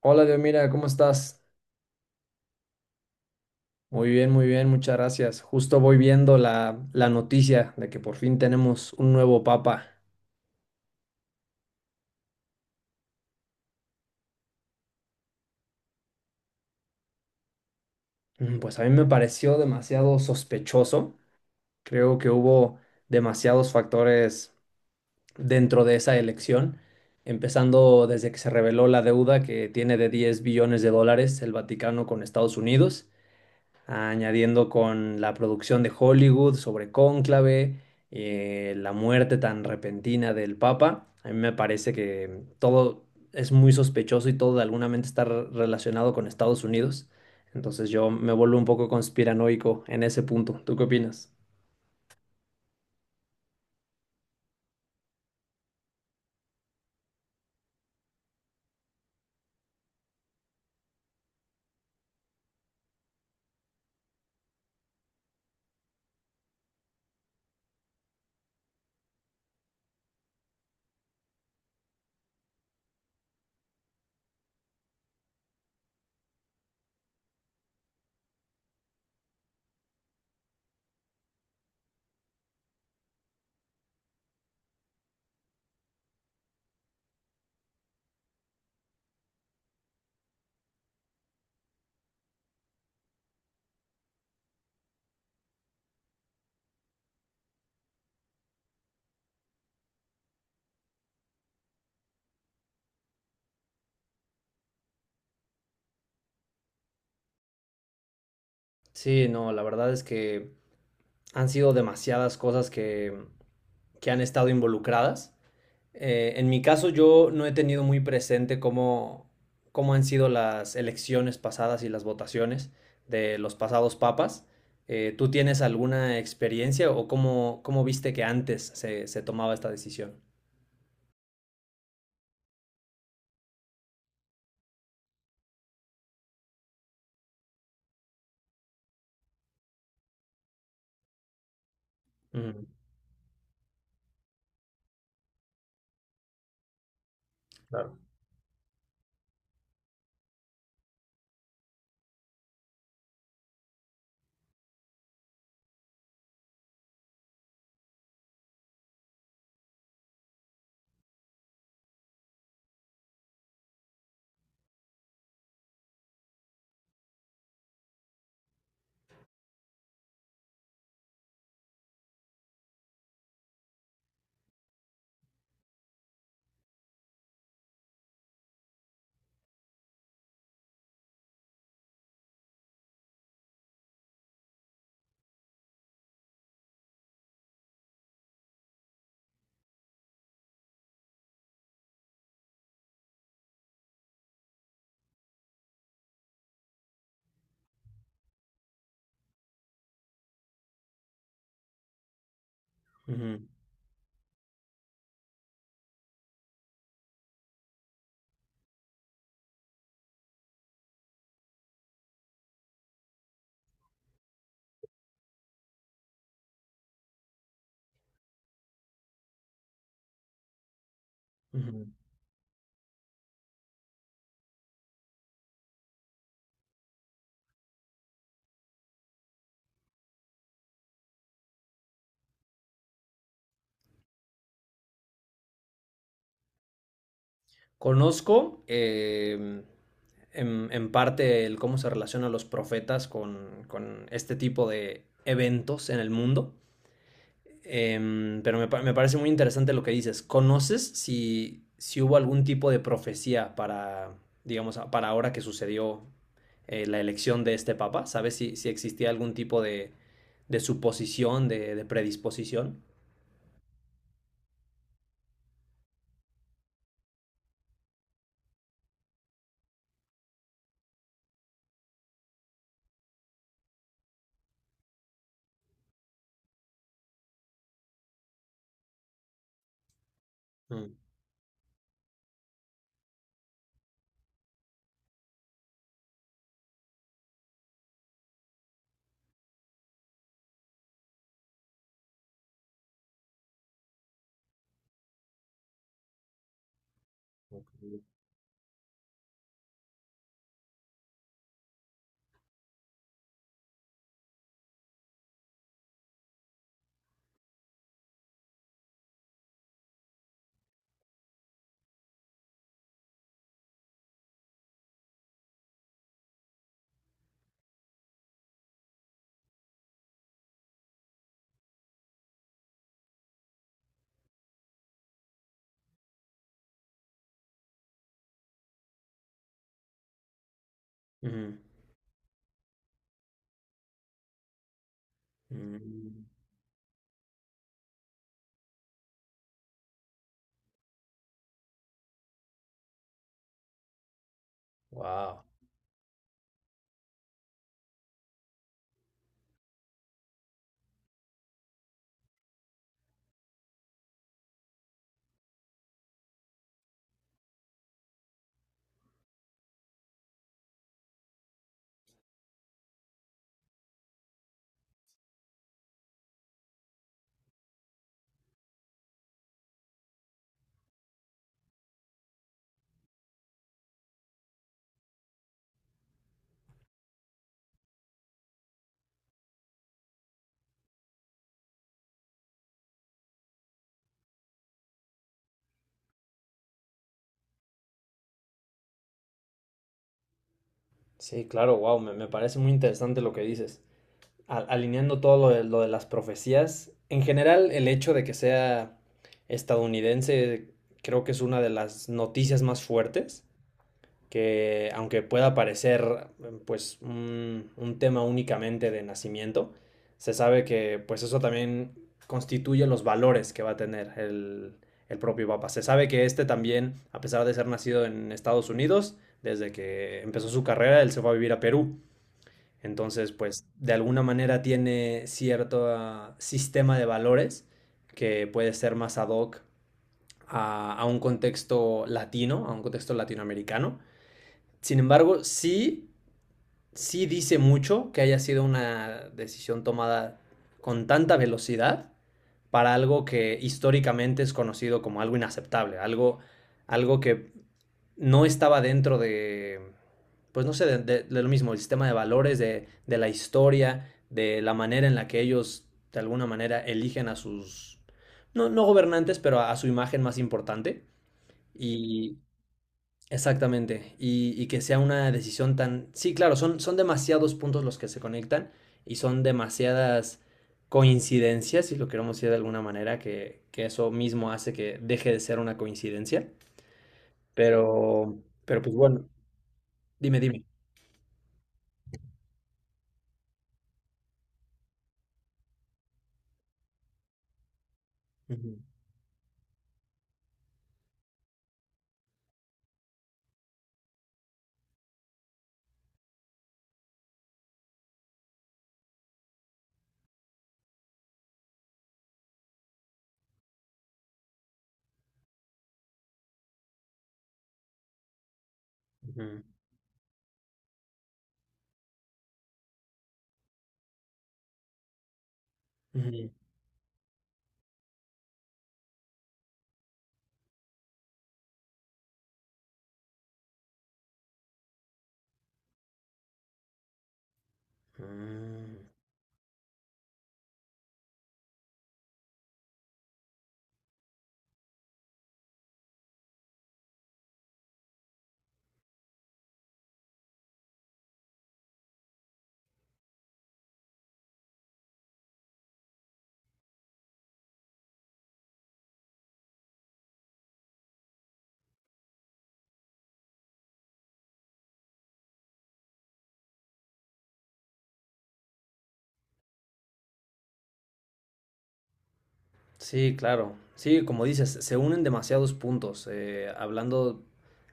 Hola, Dios, mira, ¿cómo estás? Muy bien, muchas gracias. Justo voy viendo la noticia de que por fin tenemos un nuevo papa. Pues a mí me pareció demasiado sospechoso. Creo que hubo demasiados factores dentro de esa elección, empezando desde que se reveló la deuda que tiene de 10 billones de dólares el Vaticano con Estados Unidos. Añadiendo con la producción de Hollywood sobre Cónclave, la muerte tan repentina del Papa. A mí me parece que todo es muy sospechoso y todo de alguna mente está relacionado con Estados Unidos. Entonces yo me vuelvo un poco conspiranoico en ese punto. ¿Tú qué opinas? Sí, no, la verdad es que han sido demasiadas cosas que han estado involucradas. En mi caso, yo no he tenido muy presente cómo han sido las elecciones pasadas y las votaciones de los pasados papas. ¿Tú tienes alguna experiencia o cómo viste que antes se tomaba esta decisión? Ujú. Claro. Ujú, ujú. Conozco en, parte el cómo se relacionan los profetas con este tipo de eventos en el mundo. Pero me parece muy interesante lo que dices. ¿Conoces si hubo algún tipo de profecía para, digamos, para ahora que sucedió la elección de este papa? ¿Sabes si existía algún tipo de suposición, de predisposición? Mm. Wow. Sí, claro, wow, me parece muy interesante lo que dices. A alineando todo lo lo de las profecías, en general el hecho de que sea estadounidense creo que es una de las noticias más fuertes, que aunque pueda parecer pues un tema únicamente de nacimiento, se sabe que pues eso también constituye los valores que va a tener el propio Papa. Se sabe que este también, a pesar de ser nacido en Estados Unidos, desde que empezó su carrera, él se fue a vivir a Perú. Entonces, pues de alguna manera tiene cierto sistema de valores que puede ser más ad hoc a un contexto latino, a un contexto latinoamericano. Sin embargo, sí, sí dice mucho que haya sido una decisión tomada con tanta velocidad para algo que históricamente es conocido como algo inaceptable, algo, algo que no estaba dentro de, pues no sé, de, de lo mismo, el sistema de valores, de la historia, de la manera en la que ellos de alguna manera eligen a sus, no, no gobernantes, pero a su imagen más importante. Y exactamente, y que sea una decisión tan... Sí, claro, son demasiados puntos los que se conectan y son demasiadas coincidencias, si lo queremos decir de alguna manera, que eso mismo hace que deje de ser una coincidencia. Pero, pero pues bueno. Dime, dime. Ujú, ujú, ujú. Mm. Sí, claro. Sí, como dices, se unen demasiados puntos. Hablando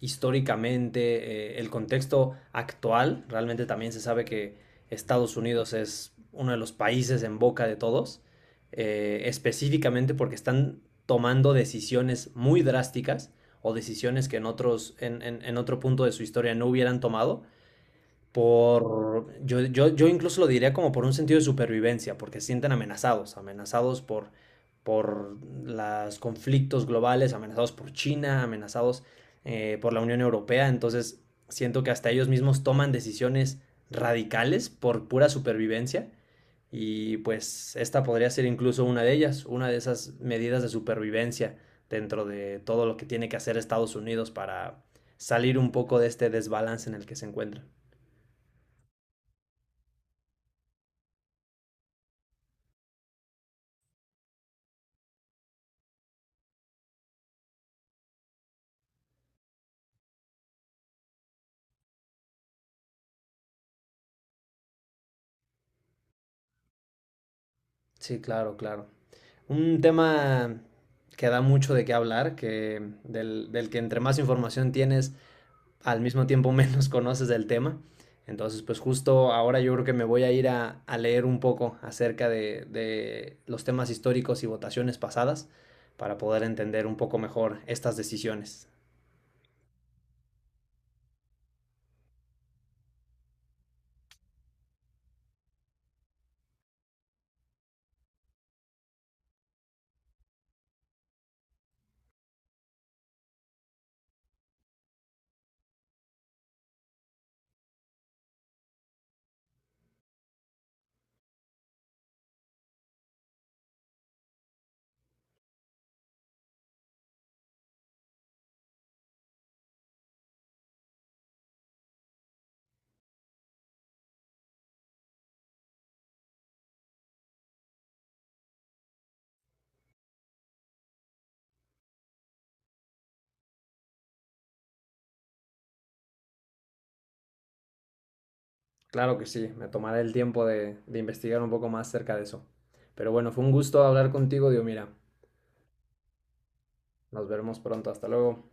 históricamente, el contexto actual, realmente también se sabe que Estados Unidos es uno de los países en boca de todos, específicamente porque están tomando decisiones muy drásticas o decisiones que en otros, en otro punto de su historia no hubieran tomado por, yo incluso lo diría como por un sentido de supervivencia, porque se sienten amenazados, amenazados por los conflictos globales, amenazados por China, amenazados por la Unión Europea, entonces siento que hasta ellos mismos toman decisiones radicales por pura supervivencia y pues esta podría ser incluso una de ellas, una de esas medidas de supervivencia dentro de todo lo que tiene que hacer Estados Unidos para salir un poco de este desbalance en el que se encuentra. Sí, claro, claro. Un tema que da mucho de qué hablar, que del que entre más información tienes, al mismo tiempo menos conoces del tema. Entonces, pues justo ahora yo creo que me voy a ir a leer un poco acerca de los temas históricos y votaciones pasadas para poder entender un poco mejor estas decisiones. Claro que sí, me tomaré el tiempo de investigar un poco más acerca de eso. Pero bueno, fue un gusto hablar contigo, Dios mira. Nos veremos pronto, hasta luego.